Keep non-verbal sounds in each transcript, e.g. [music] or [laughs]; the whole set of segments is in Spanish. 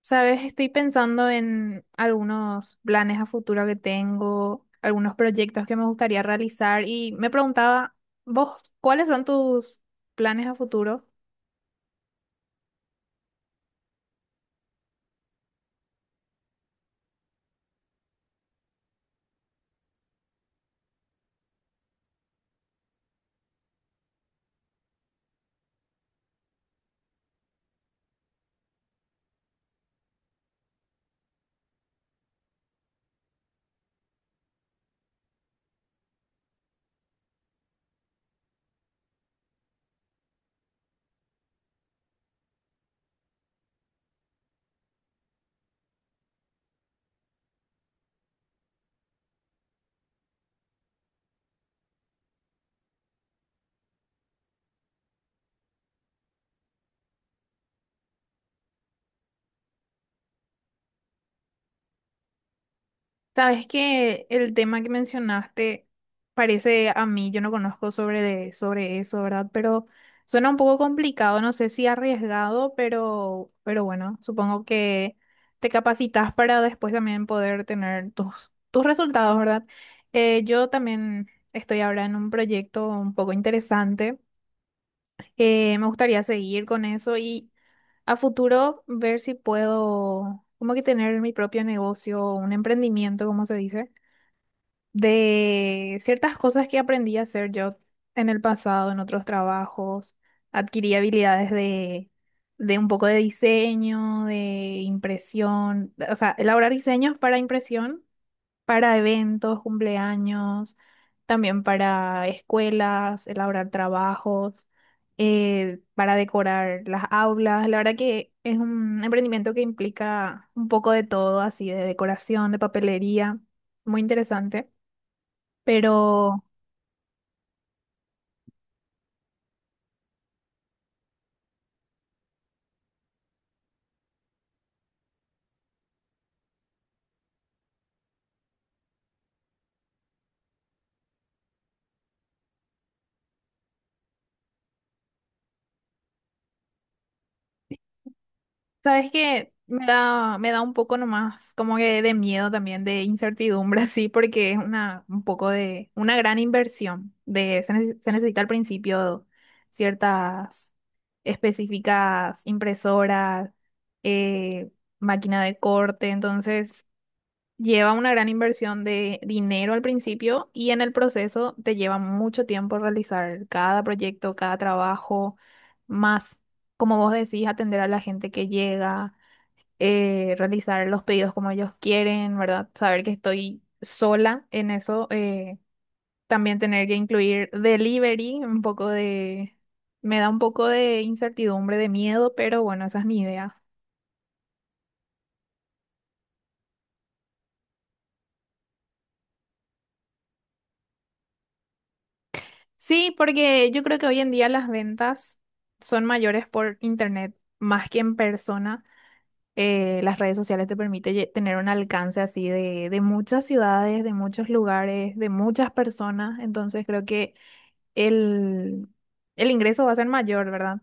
Sabes, estoy pensando en algunos planes a futuro que tengo, algunos proyectos que me gustaría realizar y me preguntaba, vos, ¿cuáles son tus planes a futuro? Sabes que el tema que mencionaste parece a mí, yo no conozco sobre, sobre eso, ¿verdad? Pero suena un poco complicado, no sé si arriesgado, pero bueno, supongo que te capacitas para después también poder tener tus resultados, ¿verdad? Yo también estoy ahora en un proyecto un poco interesante. Me gustaría seguir con eso y a futuro ver si puedo como que tener mi propio negocio, un emprendimiento, como se dice, de ciertas cosas que aprendí a hacer yo en el pasado, en otros trabajos. Adquirí habilidades de un poco de diseño, de impresión, o sea, elaborar diseños para impresión, para eventos, cumpleaños, también para escuelas, elaborar trabajos, para decorar las aulas. La verdad que es un emprendimiento que implica un poco de todo, así de decoración, de papelería, muy interesante. Pero, ¿sabes qué? Me da un poco nomás como que de miedo también, de incertidumbre, [laughs] así, porque un poco de, una gran inversión. Se necesita al principio ciertas específicas impresoras, eh, máquina de corte, entonces lleva una gran inversión de dinero al principio y en el proceso te lleva mucho tiempo realizar cada proyecto, cada trabajo, más, como vos decís, atender a la gente que llega, realizar los pedidos como ellos quieren, ¿verdad? Saber que estoy sola en eso, también tener que incluir delivery, un poco de... Me da un poco de incertidumbre, de miedo, pero bueno, esa es mi idea. Sí, porque yo creo que hoy en día las ventas son mayores por internet más que en persona. Las redes sociales te permite tener un alcance así de muchas ciudades, de muchos lugares, de muchas personas. Entonces creo que el, el ingreso va a ser mayor, ¿verdad?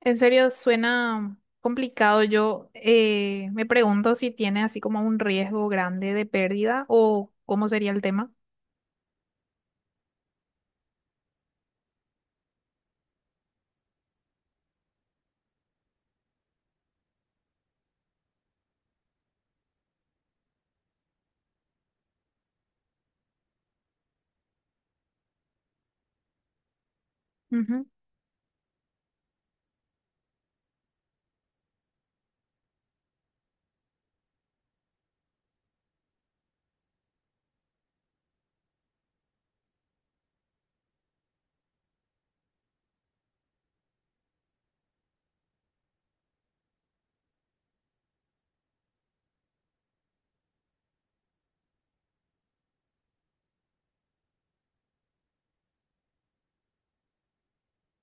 En serio, suena complicado. Yo, me pregunto si tiene así como un riesgo grande de pérdida o cómo sería el tema. Ujú.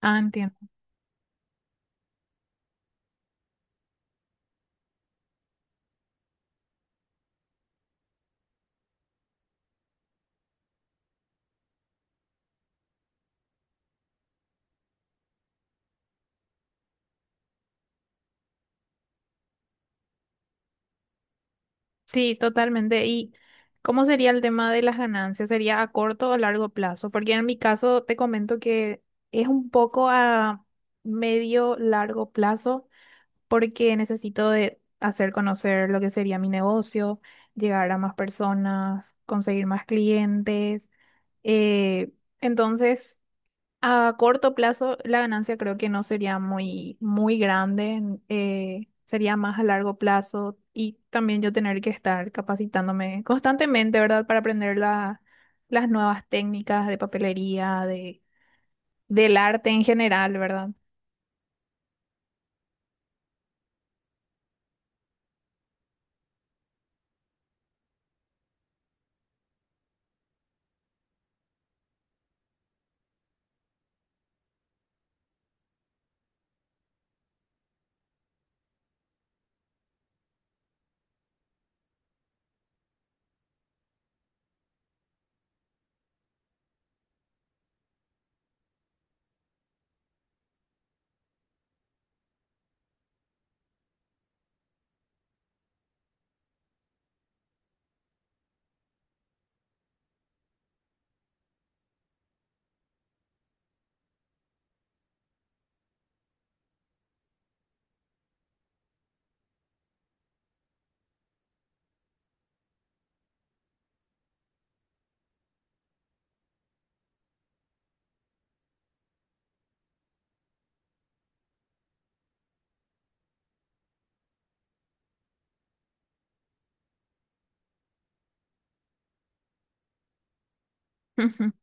Ah, entiendo. Sí, totalmente. ¿Y cómo sería el tema de las ganancias? ¿Sería a corto o largo plazo? Porque en mi caso te comento que es un poco a medio largo plazo porque necesito de hacer conocer lo que sería mi negocio, llegar a más personas, conseguir más clientes. Eh, entonces, a corto plazo, la ganancia creo que no sería muy grande, sería más a largo plazo y también yo tener que estar capacitándome constantemente, ¿verdad? Para aprender las nuevas técnicas de papelería, del arte en general, ¿verdad? [laughs]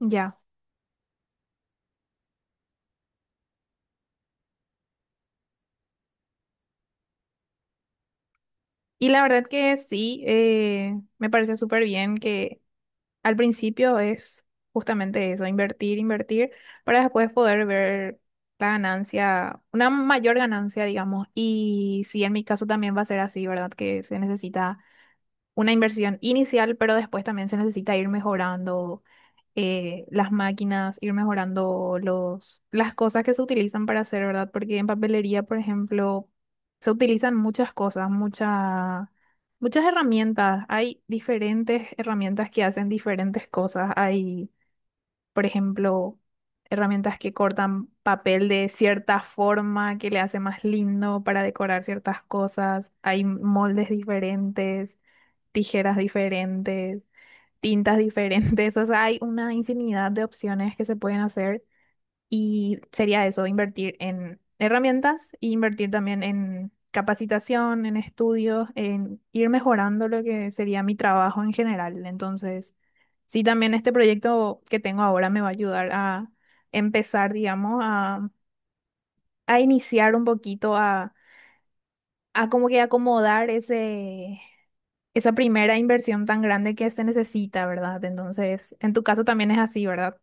Ya. Y la verdad que sí, me parece súper bien que al principio es justamente eso, invertir, para después poder ver la ganancia, una mayor ganancia, digamos. Y sí, en mi caso también va a ser así, ¿verdad? Que se necesita una inversión inicial, pero después también se necesita ir mejorando, las máquinas, ir mejorando las cosas que se utilizan para hacer, ¿verdad? Porque en papelería, por ejemplo, se utilizan muchas cosas, muchas herramientas. Hay diferentes herramientas que hacen diferentes cosas. Hay, por ejemplo, herramientas que cortan papel de cierta forma, que le hace más lindo para decorar ciertas cosas. Hay moldes diferentes, tijeras diferentes, tintas diferentes, [laughs] o sea, hay una infinidad de opciones que se pueden hacer y sería eso, invertir en herramientas e invertir también en capacitación, en estudios, en ir mejorando lo que sería mi trabajo en general. Entonces, sí, también este proyecto que tengo ahora me va a ayudar a empezar, digamos, a iniciar un poquito a como que acomodar esa primera inversión tan grande que se necesita, ¿verdad? Entonces, en tu caso también es así, ¿verdad?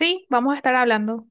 Sí, vamos a estar hablando.